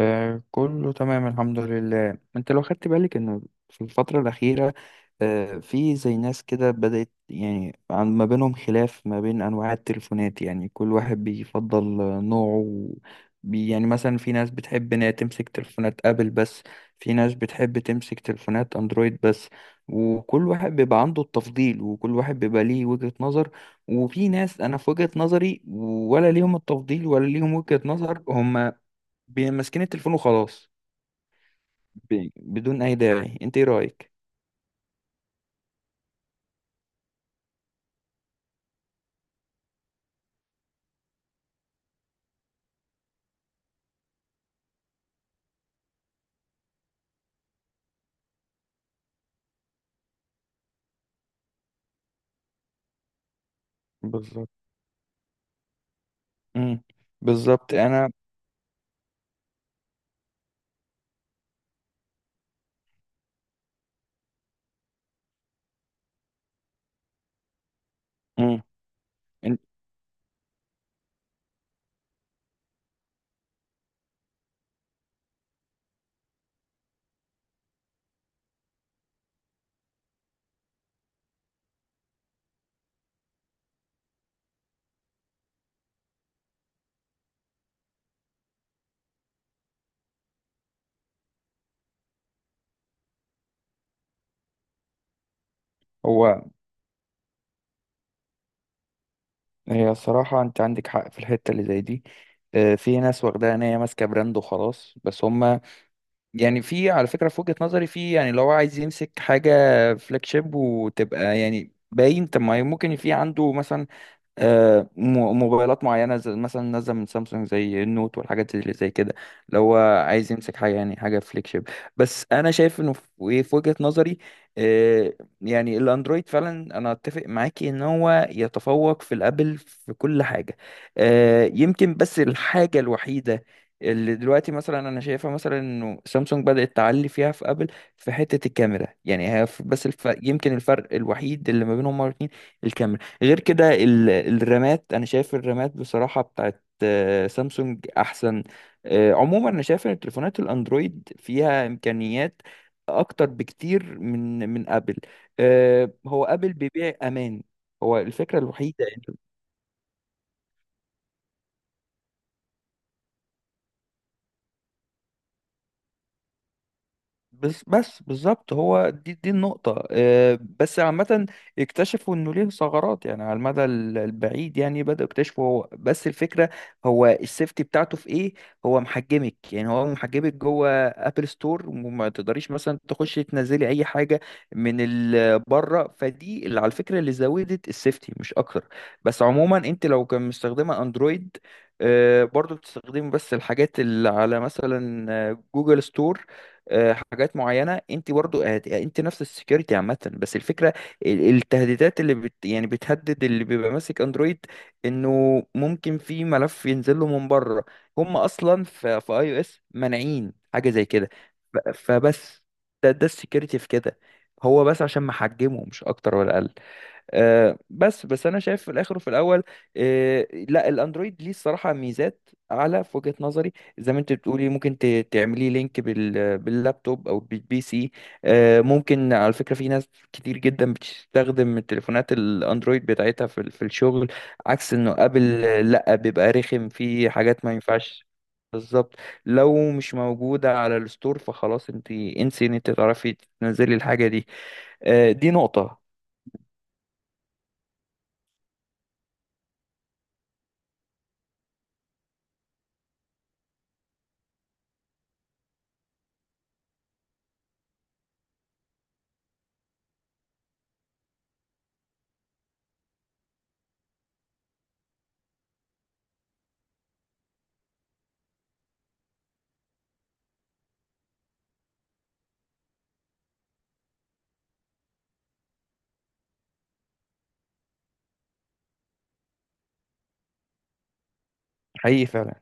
كله تمام الحمد لله. انت لو خدت بالك ان في الفترة الأخيرة في زي ناس كده بدأت يعني عن ما بينهم خلاف ما بين أنواع التليفونات، يعني كل واحد بيفضل نوعه. يعني مثلا في ناس بتحب انها تمسك تليفونات أبل بس، في ناس بتحب تمسك تليفونات أندرويد بس، وكل واحد بيبقى عنده التفضيل وكل واحد بيبقى ليه وجهة نظر. وفي ناس انا في وجهة نظري ولا ليهم التفضيل ولا ليهم وجهة نظر، هم ماسكين التليفون وخلاص، بدون اي داعي. انت ايه رايك؟ بالظبط. امم بالظبط انا. امم إن- هو هي الصراحه انت عندك حق في الحته اللي زي دي. في ناس واخداها ان هي ماسكه براند وخلاص بس هم، يعني في على فكره في وجهه نظري، في يعني لو هو عايز يمسك حاجه فلاج شيب وتبقى يعني باين، طب ما ممكن في عنده مثلا موبايلات معينة زي مثلا نازلة من سامسونج زي النوت والحاجات اللي زي كده. لو هو عايز يمسك حاجة يعني حاجة فليج شيب. بس أنا شايف إنه في وجهة نظري، آه، يعني الأندرويد فعلا أنا أتفق معاكي إن هو يتفوق في الأبل في كل حاجة. يمكن بس الحاجة الوحيدة اللي دلوقتي مثلا انا شايفها، مثلا انه سامسونج بدأت تعلي فيها في ابل في حتة الكاميرا، يعني هي يمكن الفرق الوحيد اللي ما بينهم هما الاتنين الكاميرا. غير كده الرامات، انا شايف الرامات بصراحة بتاعت سامسونج احسن. عموما انا شايف ان التليفونات الاندرويد فيها امكانيات اكتر بكتير من ابل. هو ابل بيبيع امان، هو الفكرة الوحيدة. بس بالظبط هو دي النقطة. بس عامة اكتشفوا انه ليه ثغرات يعني على المدى البعيد، يعني بدأوا يكتشفوا. هو بس الفكرة هو السيفتي بتاعته في ايه. هو محجمك، يعني هو محجمك جوه ابل ستور وما تقدريش مثلا تخشي تنزلي اي حاجة من بره. فدي اللي على الفكرة اللي زودت السيفتي مش اكتر. بس عموما انت لو كان مستخدمة اندرويد، برضو بتستخدمي بس الحاجات اللي على مثلا جوجل ستور، حاجات معينه. انت برضو يعني انت نفس السكيورتي عامه. بس الفكره التهديدات اللي بت يعني بتهدد اللي بيبقى ماسك اندرويد، انه ممكن في ملف ينزل له من بره. هم اصلا في في اي او اس مانعين حاجه زي كده. فبس ده السكيورتي في كده، هو بس عشان محجمه مش اكتر ولا اقل. بس انا شايف في الاخر وفي الاول، لا الاندرويد ليه الصراحه ميزات اعلى في وجهه نظري. زي ما انت بتقولي ممكن تعملي لينك باللابتوب او بالبي سي. ممكن على فكره في ناس كتير جدا بتستخدم التليفونات الاندرويد بتاعتها في في الشغل، عكس انه ابل لا بيبقى رخم في حاجات ما ينفعش. بالظبط، لو مش موجوده على الستور فخلاص انت انسي ان انت تعرفي تنزلي الحاجه دي. دي نقطه حقيقي فعلا.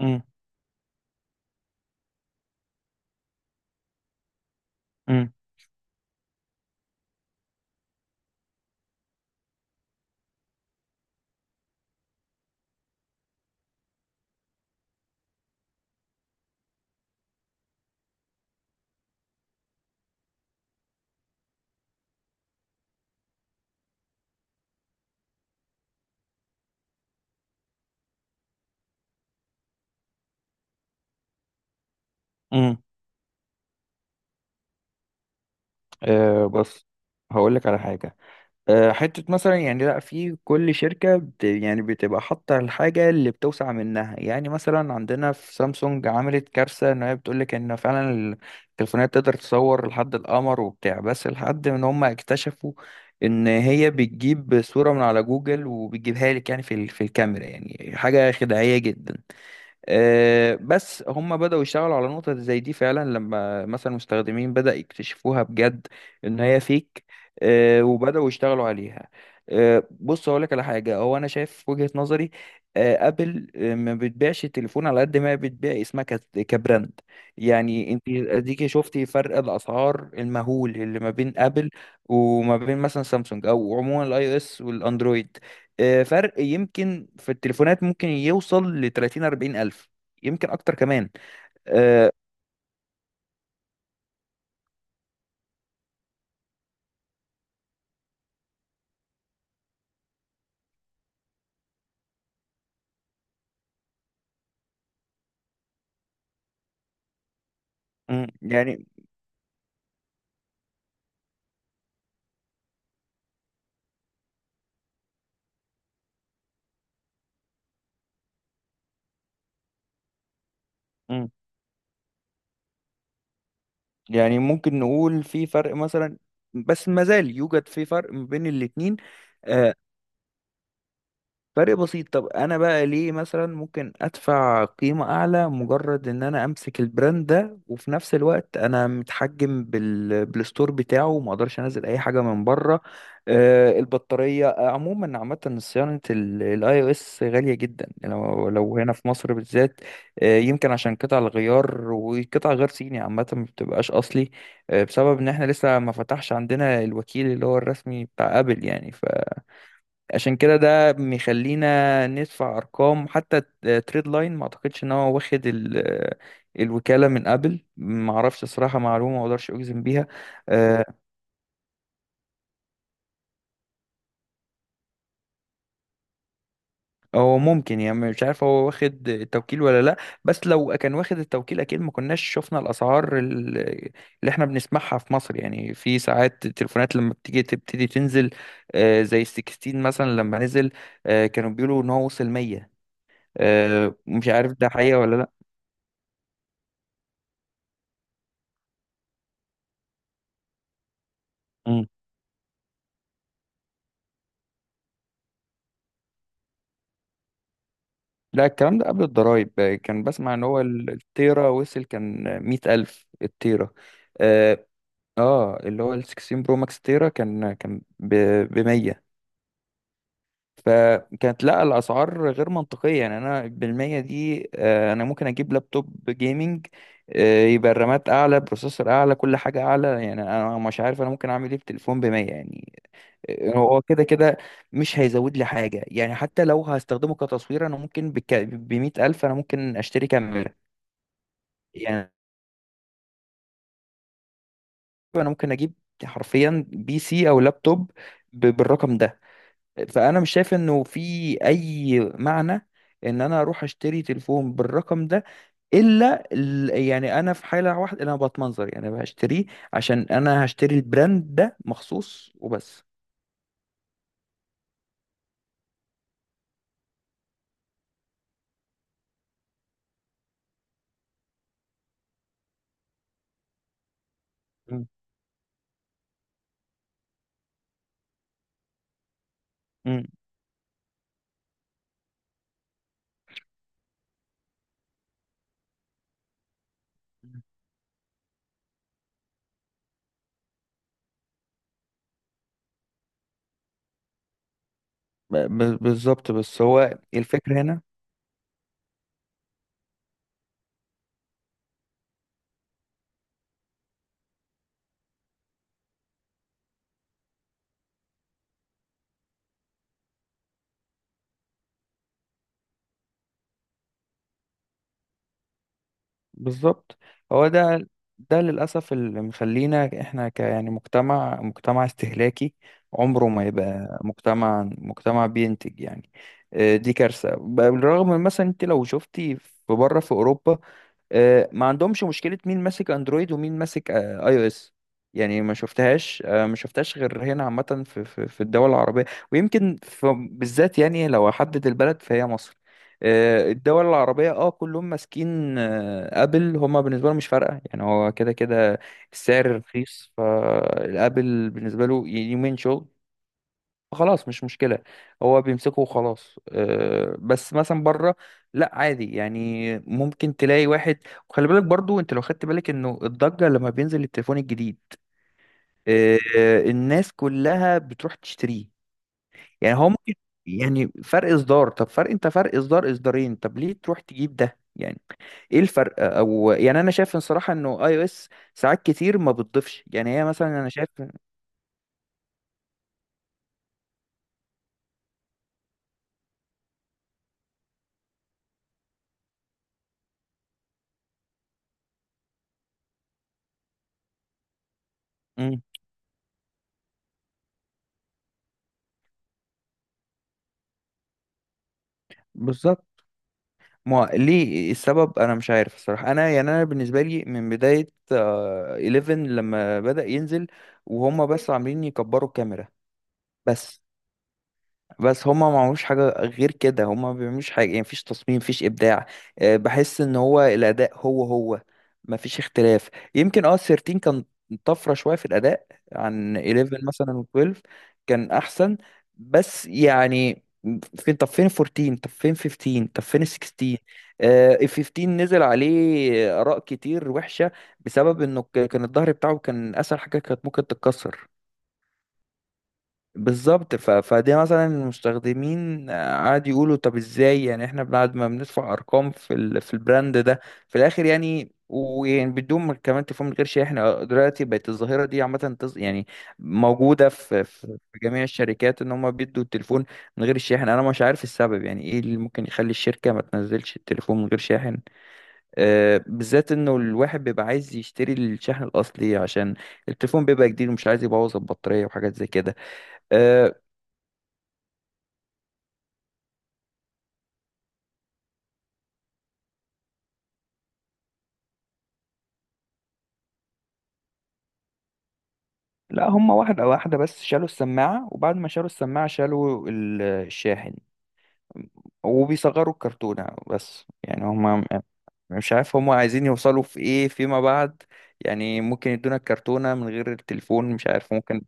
امم امم امم أه بص هقول لك على حاجه. أه، حته مثلا يعني لا في كل شركه يعني بتبقى حاطه الحاجه اللي بتوسع منها، يعني مثلا عندنا في سامسونج عملت كارثه ان هي بتقول لك ان فعلا التليفونات تقدر تصور لحد القمر وبتاع، بس لحد ان هم اكتشفوا ان هي بتجيب صوره من على جوجل وبتجيبها لك يعني في في الكاميرا، يعني حاجه خداعيه جدا. بس هم بدأوا يشتغلوا على نقطة زي دي فعلا لما مثلا المستخدمين بدأ يكتشفوها بجد إن هي فيك. وبدأوا يشتغلوا عليها. بص هقول لك على حاجة هو أنا شايف وجهة نظري، أبل ما بتبيعش التليفون على قد ما هي بتبيع اسمها كبراند. يعني أنت أديكي شفتي فرق الأسعار المهول اللي ما بين أبل وما بين مثلا سامسونج أو عموما الأي أو إس والأندرويد. فرق يمكن في التليفونات ممكن يوصل ل 30 40 الف، يمكن اكتر كمان. آه، مم، يعني مم، يعني ممكن نقول في فرق مثلا، بس ما زال يوجد في فرق ما بين الاتنين. آه، فرق بسيط. طب انا بقى ليه مثلا ممكن ادفع قيمة اعلى مجرد ان انا امسك البراند ده وفي نفس الوقت انا متحجم بالستور بتاعه وما اقدرش انزل اي حاجة من بره. آه البطارية عموما عامة صيانة الاي او اس غالية جدا لو لو هنا في مصر بالذات. آه يمكن عشان قطع الغيار وقطع غير صيني عامة ما بتبقاش اصلي. آه بسبب ان احنا لسه ما فتحش عندنا الوكيل اللي هو الرسمي بتاع ابل يعني. عشان كده ده بيخلينا ندفع ارقام. حتى تريد لاين ما اعتقدش ان هو واخد الوكاله من ابل، ما اعرفش الصراحه، معلومه ما اقدرش اجزم بيها. آه، هو ممكن، يعني مش عارف هو واخد التوكيل ولا لا. بس لو كان واخد التوكيل اكيد ما كناش شفنا الاسعار اللي احنا بنسمعها في مصر. يعني في ساعات التليفونات لما بتيجي تبتدي تنزل، زي ال 16 مثلا لما نزل، كانوا بيقولوا ان هو وصل 100. مش عارف ده حقيقه ولا لا. لا الكلام ده قبل الضرايب. كان بسمع ان هو التيرا وصل، كان مية ألف التيرا. اه، اللي هو ال 16 برو ماكس تيرا كان ب 100. فكانت لا الاسعار غير منطقيه يعني. انا بالمية دي انا ممكن اجيب لابتوب جيمنج، يبقى الرامات اعلى بروسيسور اعلى كل حاجه اعلى. يعني انا مش عارف انا ممكن اعمل ايه في تليفون ب 100 يعني. هو كده كده مش هيزود لي حاجة. يعني حتى لو هستخدمه كتصوير أنا ممكن بمية ألف أنا ممكن أشتري كاميرا يعني. أنا ممكن أجيب حرفيا بي سي أو لابتوب بالرقم ده. فأنا مش شايف إنه في أي معنى إن أنا أروح أشتري تليفون بالرقم ده، إلا يعني أنا في حالة واحدة أنا بتمنظر يعني هشتريه عشان أنا هشتري البراند ده مخصوص وبس. مم. مم. بالظبط بس هو الفكرة هنا. بالظبط، هو ده ده للأسف اللي مخلينا احنا ك يعني مجتمع مجتمع استهلاكي، عمره ما يبقى مجتمع مجتمع بينتج يعني. دي كارثة. بالرغم من مثلا انت لو شفتي في بره في أوروبا، ما عندهمش مشكلة مين ماسك اندرويد ومين ماسك اي او اس. يعني ما شفتهاش، ما شفتهاش غير هنا عامة في الدول العربية. ويمكن بالذات يعني لو احدد البلد فهي مصر. الدول العربية اه كلهم ماسكين ابل. هما بالنسبة له مش فارقة يعني، هو كده كده السعر رخيص فالابل بالنسبة له يومين شغل خلاص مش مشكلة. هو بيمسكه وخلاص. أه بس مثلا بره لا عادي، يعني ممكن تلاقي واحد. وخلي بالك برضو انت لو خدت بالك انه الضجة لما بينزل التليفون الجديد، أه الناس كلها بتروح تشتريه. يعني هو ممكن يعني فرق اصدار، طب فرق انت فرق اصدار اصدارين طب ليه تروح تجيب ده يعني. ايه الفرق؟ او يعني انا شايف الصراحة انه اي او اس ساعات كتير ما بتضيفش، يعني هي مثلا انا شايف. مم، بالظبط. ما ليه السبب انا مش عارف الصراحه. انا يعني انا بالنسبه لي من بدايه 11 لما بدأ ينزل وهم بس عاملين يكبروا الكاميرا. بس هما ما عملوش حاجة غير كده، هما ما بيعملوش حاجة. يعني مفيش تصميم مفيش إبداع. بحس إن هو الأداء هو مفيش اختلاف. يمكن اه 13 كان طفرة شوية في الأداء عن 11 مثلا و 12 كان أحسن. بس يعني فين؟ طب فين 14؟ طب فين 15؟ طب فين 16؟ ال 15 نزل عليه آراء كتير وحشة، بسبب إنه كان الظهر بتاعه كان أسهل حاجة كانت ممكن تتكسر. بالظبط. فدي مثلا المستخدمين قعدوا يقولوا طب ازاي يعني احنا بعد ما بندفع ارقام في في البراند ده في الاخر يعني، ويعني بدون ما كمان تفهم من غير شيء. احنا دلوقتي بقت الظاهره دي عامه يعني موجوده في جميع الشركات، ان هم بيدوا التليفون من غير الشاحن. انا مش عارف السبب، يعني ايه اللي ممكن يخلي الشركه ما تنزلش التليفون من غير شاحن. أه بالذات انه الواحد بيبقى عايز يشتري الشاحن الاصلي عشان التليفون بيبقى جديد ومش عايز يبوظ البطاريه وحاجات زي كده. آه، لا هما واحدة واحدة، بس شالوا السماعة وبعد ما شالوا السماعة شالوا الشاحن وبيصغروا الكرتونة. بس يعني هما مش عارف هما عايزين يوصلوا في ايه فيما بعد. يعني ممكن يدونا الكرتونة من غير التليفون، مش عارف ممكن.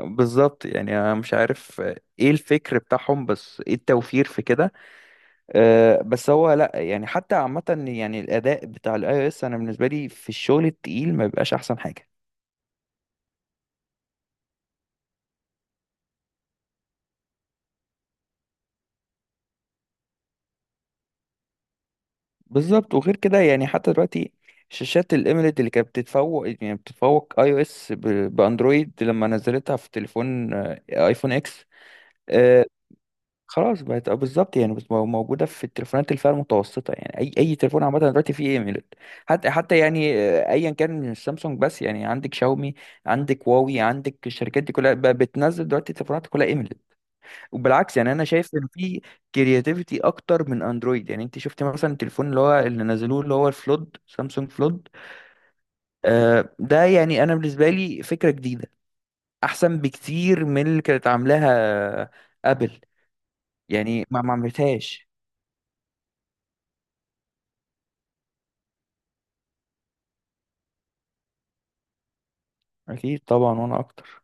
بالظبط يعني انا مش عارف ايه الفكر بتاعهم، بس ايه التوفير في كده؟ أه بس هو لا، يعني حتى عامة يعني الأداء بتاع الاي او اس انا بالنسبة لي في الشغل التقيل ما بيبقاش احسن حاجة. بالظبط وغير كده. يعني حتى دلوقتي شاشات الاميليد اللي كانت بتتفوق، يعني بتتفوق اي او اس باندرويد لما نزلتها في تليفون ايفون اكس. آه خلاص بقت بالظبط يعني. بس موجوده في التليفونات الفئه المتوسطه، يعني اي تليفون عامه دلوقتي فيه ايميليد. حتى يعني ايا كان مش سامسونج بس، يعني عندك شاومي عندك هواوي عندك الشركات دي كلها بقى بتنزل دلوقتي تليفونات كلها ايميليد. وبالعكس يعني انا شايف ان في كرياتيفيتي اكتر من اندرويد. يعني انت شفت مثلا التليفون اللي هو اللي نزلوه اللي هو الفلود، سامسونج فلود. آه ده يعني انا بالنسبه لي فكره جديده احسن بكتير من اللي كانت عاملاها ابل، يعني ما ما عملتهاش. اكيد طبعا، وانا اكتر.